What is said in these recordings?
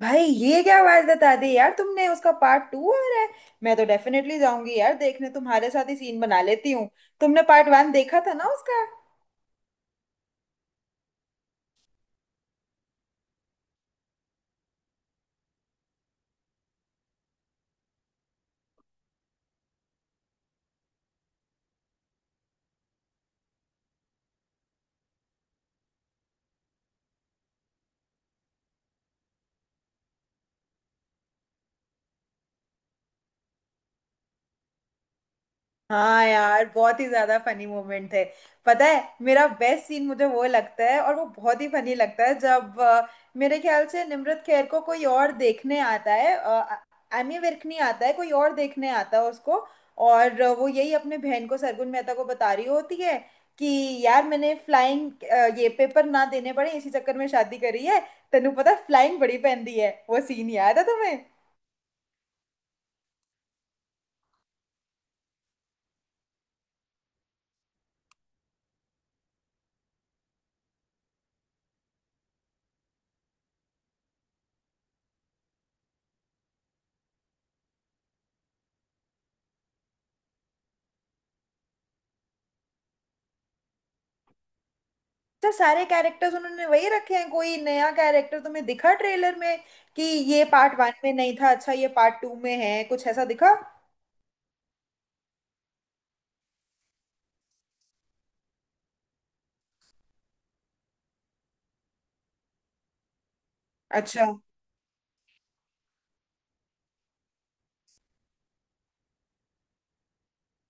भाई ये क्या बात बता दी यार तुमने, उसका पार्ट टू आ रहा है। मैं तो डेफिनेटली जाऊंगी यार देखने, तुम्हारे साथ ही सीन बना लेती हूँ। तुमने पार्ट वन देखा था ना उसका? हाँ यार, बहुत ही ज्यादा फनी मोमेंट थे। पता है, मेरा बेस्ट सीन मुझे वो लगता है और वो बहुत ही फनी लगता है जब मेरे ख्याल से निम्रत खैर को कोई और देखने आता है। एमी विर्क नहीं आता है, कोई और देखने आता है उसको। और वो यही अपने बहन को, सरगुन मेहता को बता रही होती है कि यार, मैंने फ्लाइंग ये पेपर ना देने पड़े इसी चक्कर में शादी करी है। तेनू पता, फ्लाइंग बड़ी पहनती है। वो सीन याद है तुम्हें? अच्छा, सारे कैरेक्टर्स उन्होंने वही रखे हैं? कोई नया कैरेक्टर तुम्हें दिखा ट्रेलर में कि ये पार्ट वन में नहीं था? अच्छा, ये पार्ट टू में है, कुछ ऐसा दिखा? अच्छा।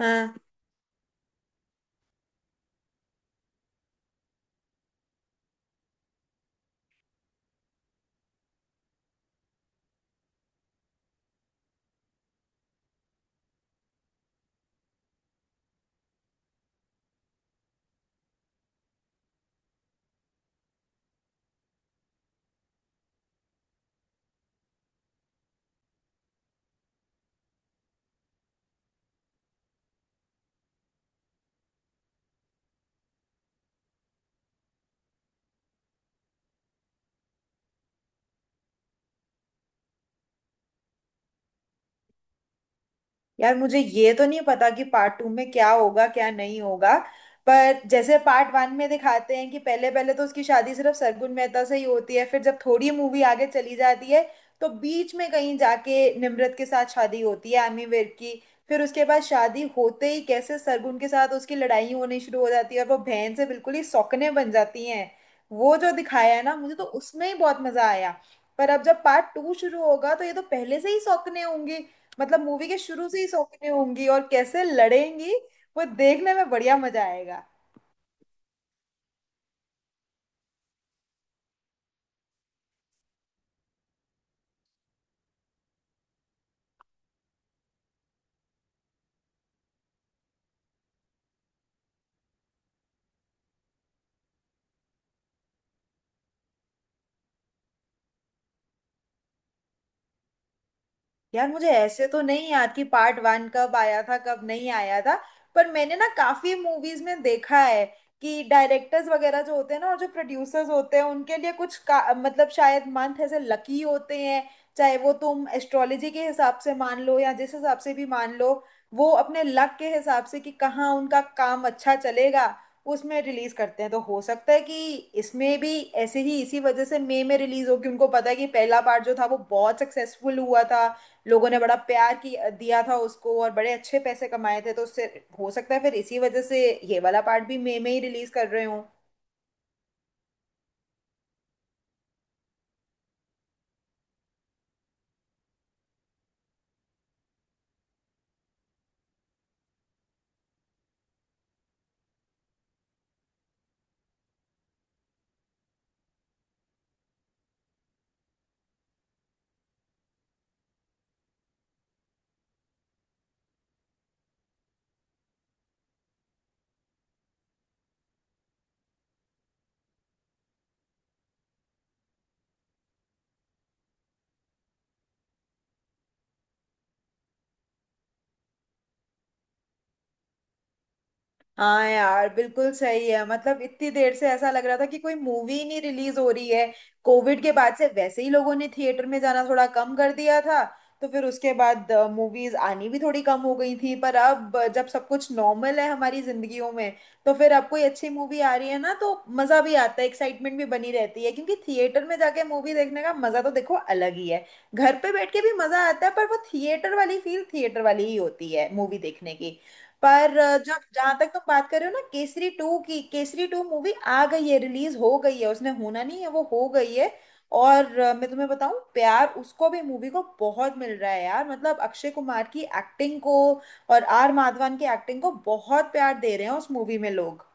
हाँ यार, मुझे ये तो नहीं पता कि पार्ट टू में क्या होगा क्या नहीं होगा। पर जैसे पार्ट वन में दिखाते हैं कि पहले पहले तो उसकी शादी सिर्फ सरगुन मेहता से ही होती है, फिर जब थोड़ी मूवी आगे चली जाती है तो बीच में कहीं जाके निम्रत के साथ शादी होती है एमी विर्क की। फिर उसके बाद शादी होते ही कैसे सरगुन के साथ उसकी लड़ाई होनी शुरू हो जाती है और वो बहन से बिल्कुल ही सौकने बन जाती हैं। वो जो दिखाया है ना, मुझे तो उसमें ही बहुत मजा आया। पर अब जब पार्ट टू शुरू होगा तो ये तो पहले से ही सौकने होंगी। मतलब मूवी के शुरू से ही सौतेली होंगी और कैसे लड़ेंगी, वो देखने में बढ़िया मजा आएगा। यार मुझे ऐसे तो नहीं याद कि पार्ट वन कब आया था कब नहीं आया था, पर मैंने ना काफी मूवीज में देखा है कि डायरेक्टर्स वगैरह जो होते हैं ना और जो प्रोड्यूसर्स होते हैं उनके लिए मतलब शायद मंथ ऐसे लकी होते हैं। चाहे वो तुम एस्ट्रोलॉजी के हिसाब से मान लो या जिस हिसाब से भी मान लो, वो अपने लक के हिसाब से कि कहाँ उनका काम अच्छा चलेगा उसमें रिलीज करते हैं। तो हो सकता है कि इसमें भी ऐसे ही, इसी वजह से मई में रिलीज हो कि उनको पता है कि पहला पार्ट जो था वो बहुत सक्सेसफुल हुआ था। लोगों ने बड़ा प्यार की दिया था उसको और बड़े अच्छे पैसे कमाए थे, तो उससे हो सकता है फिर इसी वजह से ये वाला पार्ट भी मई में ही रिलीज कर रहे हों। हाँ यार बिल्कुल सही है। मतलब इतनी देर से ऐसा लग रहा था कि कोई मूवी ही नहीं रिलीज हो रही है। कोविड के बाद से वैसे ही लोगों ने थिएटर में जाना थोड़ा कम कर दिया था, तो फिर उसके बाद मूवीज आनी भी थोड़ी कम हो गई थी। पर अब जब सब कुछ नॉर्मल है हमारी जिंदगियों में तो फिर अब कोई अच्छी मूवी आ रही है ना, तो मजा भी आता है, एक्साइटमेंट भी बनी रहती है, क्योंकि थिएटर में जाके मूवी देखने का मजा तो देखो अलग ही है। घर पे बैठ के भी मजा आता है पर वो थिएटर वाली फील थिएटर वाली ही होती है मूवी देखने की। पर जब, जहां तक तुम बात कर रहे हो ना केसरी टू की, केसरी टू मूवी आ गई है, रिलीज हो गई है। उसने होना नहीं है, वो हो गई है। और मैं तुम्हें बताऊं, प्यार उसको भी मूवी को बहुत मिल रहा है यार। मतलब अक्षय कुमार की एक्टिंग को और आर माधवन की एक्टिंग को बहुत प्यार दे रहे हैं उस मूवी में लोग।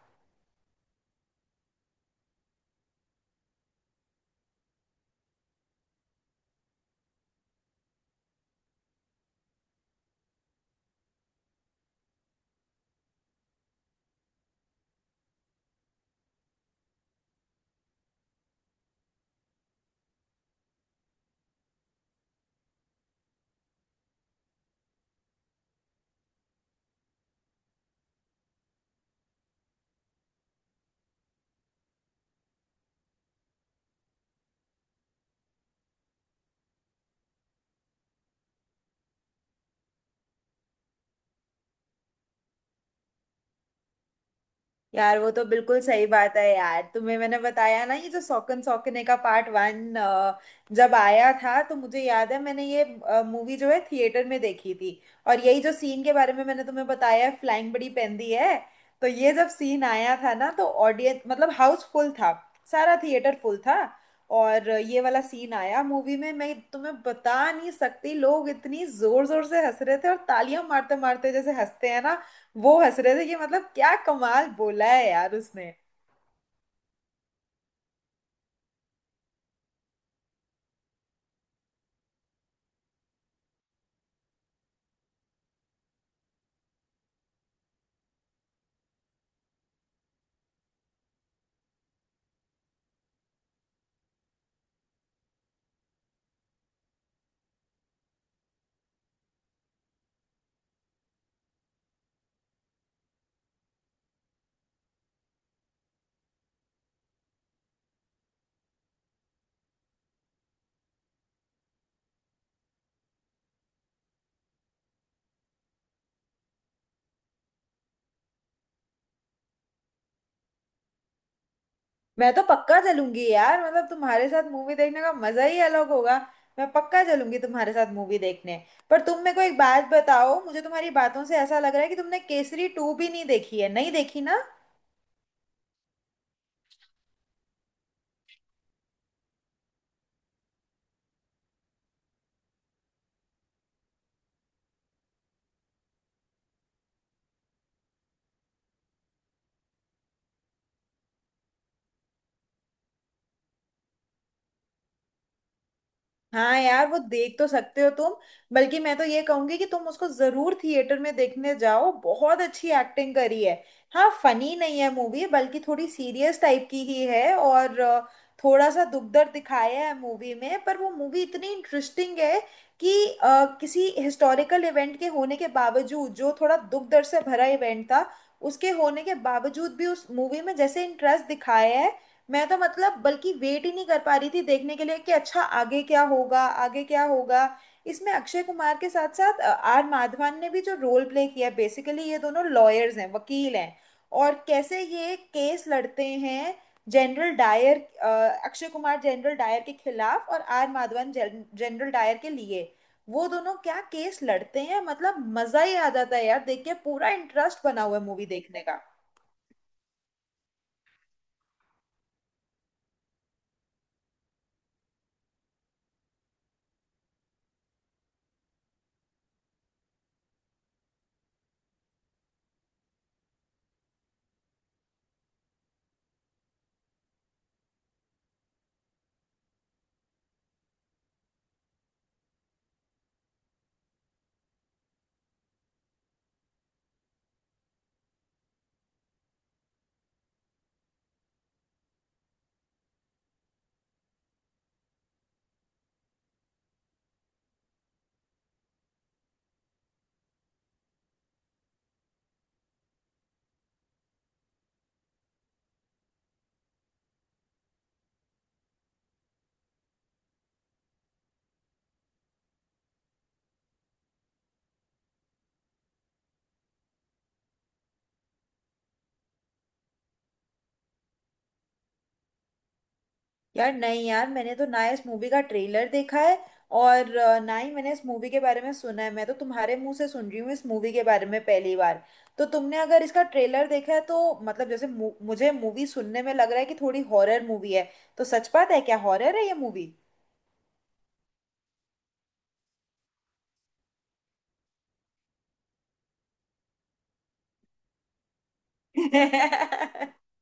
यार वो तो बिल्कुल सही बात है यार। तुम्हें मैंने बताया ना, ये जो सौकन सौकने का पार्ट वन जब आया था तो मुझे याद है मैंने ये मूवी जो है थिएटर में देखी थी। और यही जो सीन के बारे में मैंने तुम्हें बताया है, फ्लाइंग बड़ी पेंदी है, तो ये जब सीन आया था ना, तो ऑडियंस, मतलब हाउस फुल था, सारा थिएटर फुल था। और ये वाला सीन आया मूवी में, मैं तुम्हें बता नहीं सकती, लोग इतनी जोर जोर से हंस रहे थे और तालियां मारते मारते जैसे हंसते हैं ना, वो हंस रहे थे कि मतलब क्या कमाल बोला है यार उसने। मैं तो पक्का चलूंगी यार, मतलब तुम्हारे साथ मूवी देखने का मजा ही अलग होगा। मैं पक्का चलूंगी तुम्हारे साथ मूवी देखने। पर तुम मेरे को एक बात बताओ, मुझे तुम्हारी बातों से ऐसा लग रहा है कि तुमने केसरी टू भी नहीं देखी है, नहीं देखी ना? हाँ यार, वो देख तो सकते हो तुम, बल्कि मैं तो ये कहूंगी कि तुम उसको जरूर थिएटर में देखने जाओ। बहुत अच्छी एक्टिंग करी है। हाँ फनी नहीं है मूवी, बल्कि थोड़ी सीरियस टाइप की ही है, और थोड़ा सा दुख दर्द दिखाया है मूवी में। पर वो मूवी इतनी इंटरेस्टिंग है कि किसी हिस्टोरिकल इवेंट के होने के बावजूद, जो थोड़ा दुख दर्द से भरा इवेंट था, उसके होने के बावजूद भी उस मूवी में जैसे इंटरेस्ट दिखाया है, मैं तो मतलब बल्कि वेट ही नहीं कर पा रही थी देखने के लिए कि अच्छा आगे क्या होगा आगे क्या होगा। इसमें अक्षय कुमार के साथ साथ आर माधवन ने भी जो रोल प्ले किया है, बेसिकली ये दोनों लॉयर्स हैं, वकील हैं, और कैसे ये केस लड़ते हैं जनरल डायर अ, अक्षय कुमार जनरल डायर के खिलाफ और आर माधवन जनरल डायर के लिए, वो दोनों क्या केस लड़ते हैं, मतलब मजा ही आ जाता है यार देख के। पूरा इंटरेस्ट बना हुआ है मूवी देखने का। यार नहीं यार, मैंने तो ना इस मूवी का ट्रेलर देखा है और ना ही मैंने इस मूवी के बारे में सुना है। मैं तो तुम्हारे मुंह से सुन रही हूँ इस मूवी के बारे में पहली बार। तो तुमने अगर इसका ट्रेलर देखा है तो मतलब जैसे मुझे मूवी सुनने में लग रहा है कि थोड़ी हॉरर मूवी है, तो सच बात है क्या, हॉरर है ये मूवी?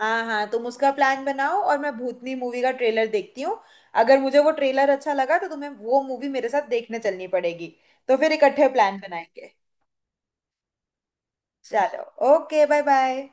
हाँ हाँ हाँ, तुम उसका प्लान बनाओ और मैं भूतनी मूवी का ट्रेलर देखती हूँ। अगर मुझे वो ट्रेलर अच्छा लगा तो तुम्हें वो मूवी मेरे साथ देखने चलनी पड़ेगी। तो फिर इकट्ठे प्लान बनाएंगे। चलो, ओके, बाय बाय।